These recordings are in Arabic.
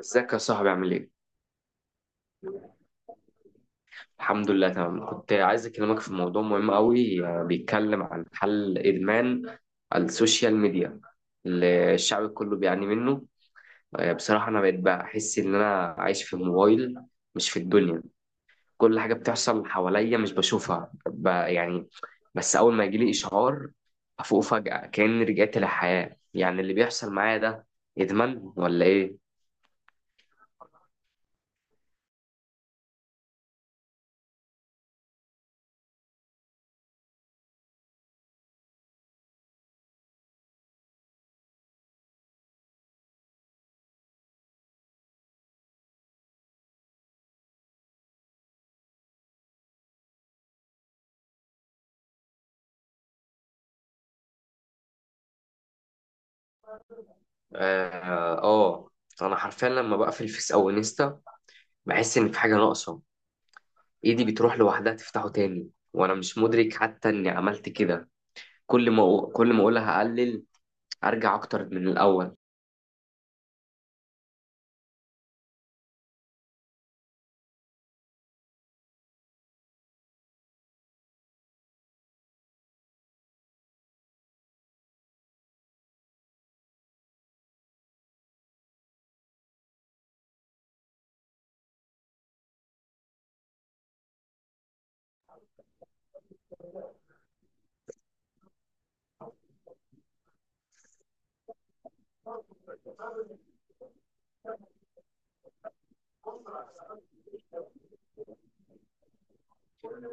ازيك يا صاحبي عامل ايه؟ الحمد لله تمام. كنت عايز اكلمك في موضوع مهم قوي، بيتكلم عن حل ادمان السوشيال ميديا اللي الشعب كله بيعاني منه. بصراحة انا بقيت بحس ان انا عايش في الموبايل، مش في الدنيا. كل حاجة بتحصل حواليا مش بشوفها، يعني بس اول ما يجيلي اشعار افوق فجأة كأني رجعت للحياة. يعني اللي بيحصل معايا ده ادمان ولا ايه؟ اه، انا حرفيا لما بقفل فيس او انستا بحس إن في حاجة ناقصة. إيدي بتروح لوحدها تفتحه تاني وأنا مش مدرك حتى إني عملت كده. كل ما أقولها أقلل، أرجع أكتر من الأول.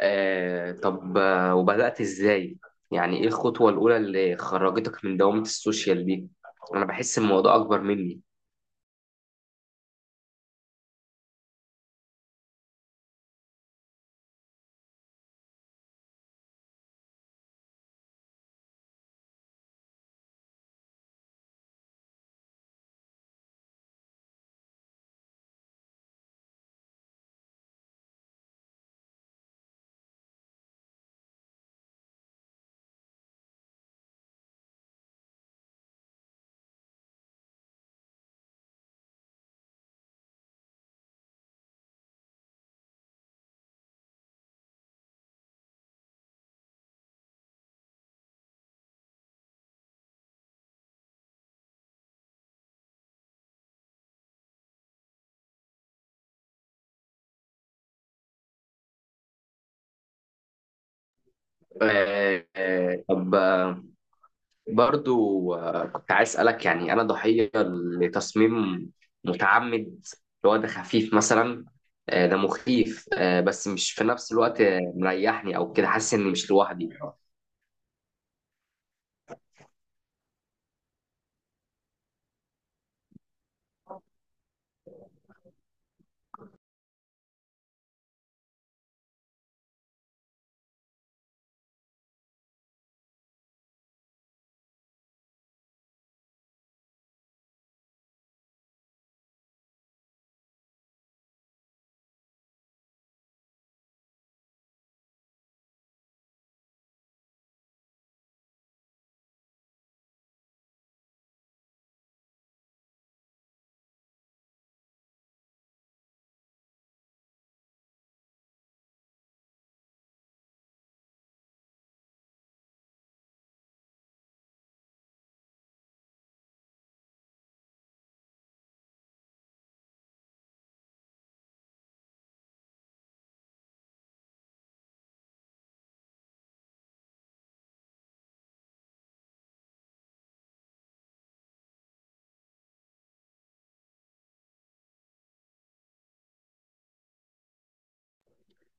طب، وبدأت إزاي؟ يعني إيه الخطوة الأولى اللي خرجتك من دوامة السوشيال دي؟ أنا بحس الموضوع أكبر مني. طب، برضو كنت عايز أسألك، يعني أنا ضحية لتصميم متعمد اللي هو ده خفيف مثلا. ده مخيف، بس مش في نفس الوقت، مريحني أو كده حاسس إني مش لوحدي.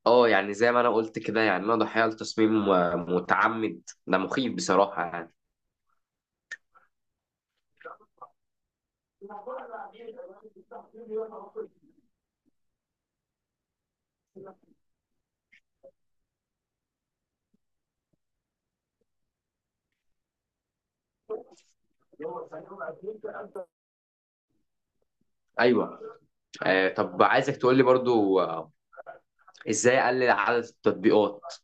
اه، يعني زي ما أنا قلت كده، يعني أنا ضحية لتصميم متعمد. ده مخيف بصراحة يعني. أيوه، طب عايزك تقول لي برضو، إزاي أقلل عدد التطبيقات؟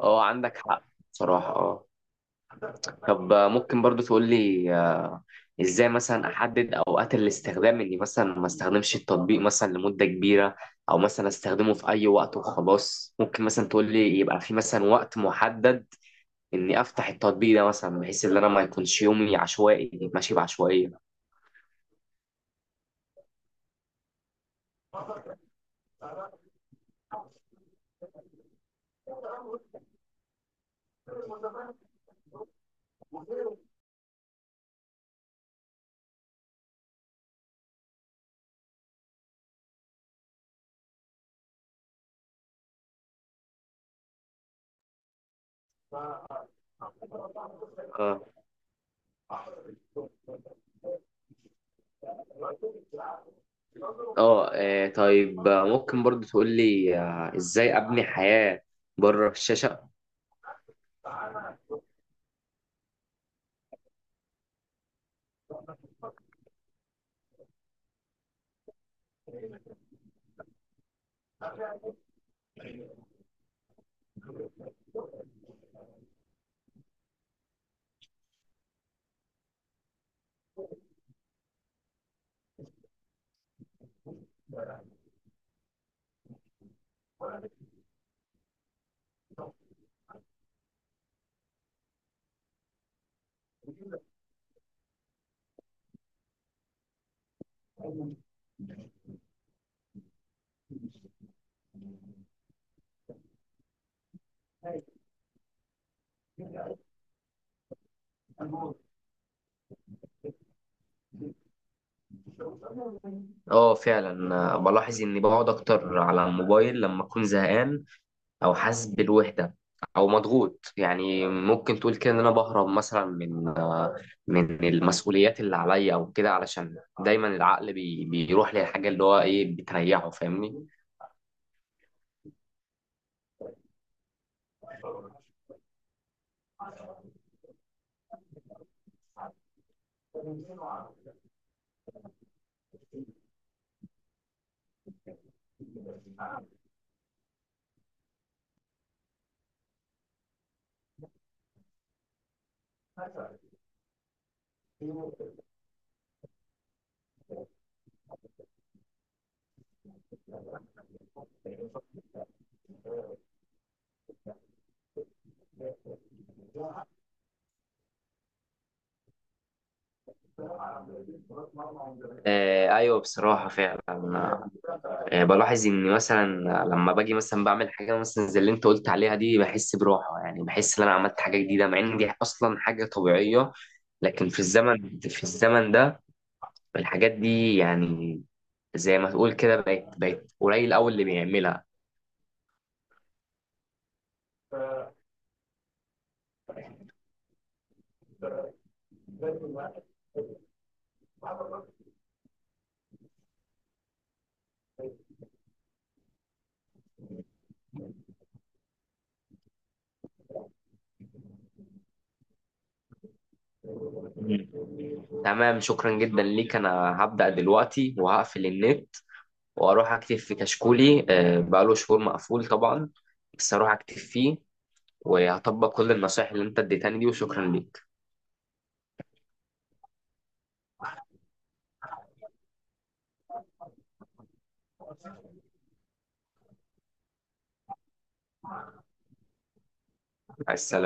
اه، عندك حق بصراحة. اه، طب، ممكن برضو تقول لي، ازاي مثلا احدد اوقات الاستخدام؟ اني مثلا ما استخدمش التطبيق مثلا لمدة كبيرة، او مثلا استخدمه في اي وقت وخلاص. ممكن مثلا تقول لي يبقى في مثلا وقت محدد اني افتح التطبيق ده، مثلا بحيث ان انا ما يكونش يومي عشوائي ماشي بعشوائية. اه اه، طيب، ممكن برضو تقول لي، ازاي ابني حياة بره الشاشة؟ اه فعلا، بلاحظ اني بقعد اكتر على الموبايل لما اكون زهقان، او حاسس بالوحده، او مضغوط. يعني ممكن تقول كده ان انا بهرب مثلا من المسؤوليات اللي عليا او كده، علشان دايما العقل بيروح للحاجه اللي هو ايه بتريحه، فاهمني؟ ايوه بصراحه فعلا. بلاحظ اني مثلا لما باجي مثلا بعمل حاجه مثلا زي اللي انت قلت عليها دي بحس براحه، يعني بحس ان انا عملت حاجه جديده، مع ان دي اصلا حاجه طبيعيه. لكن في الزمن ده الحاجات دي، يعني زي ما تقول كده بقت قليل قوي اللي بيعملها. مم. تمام، شكرا جدا ليك. انا هبدأ دلوقتي وهقفل النت واروح اكتب في كشكولي، بقاله شهور مقفول طبعا، بس اروح اكتب فيه وهطبق كل النصائح اللي انت اديتني دي. وشكرا ليك. مع السلامة.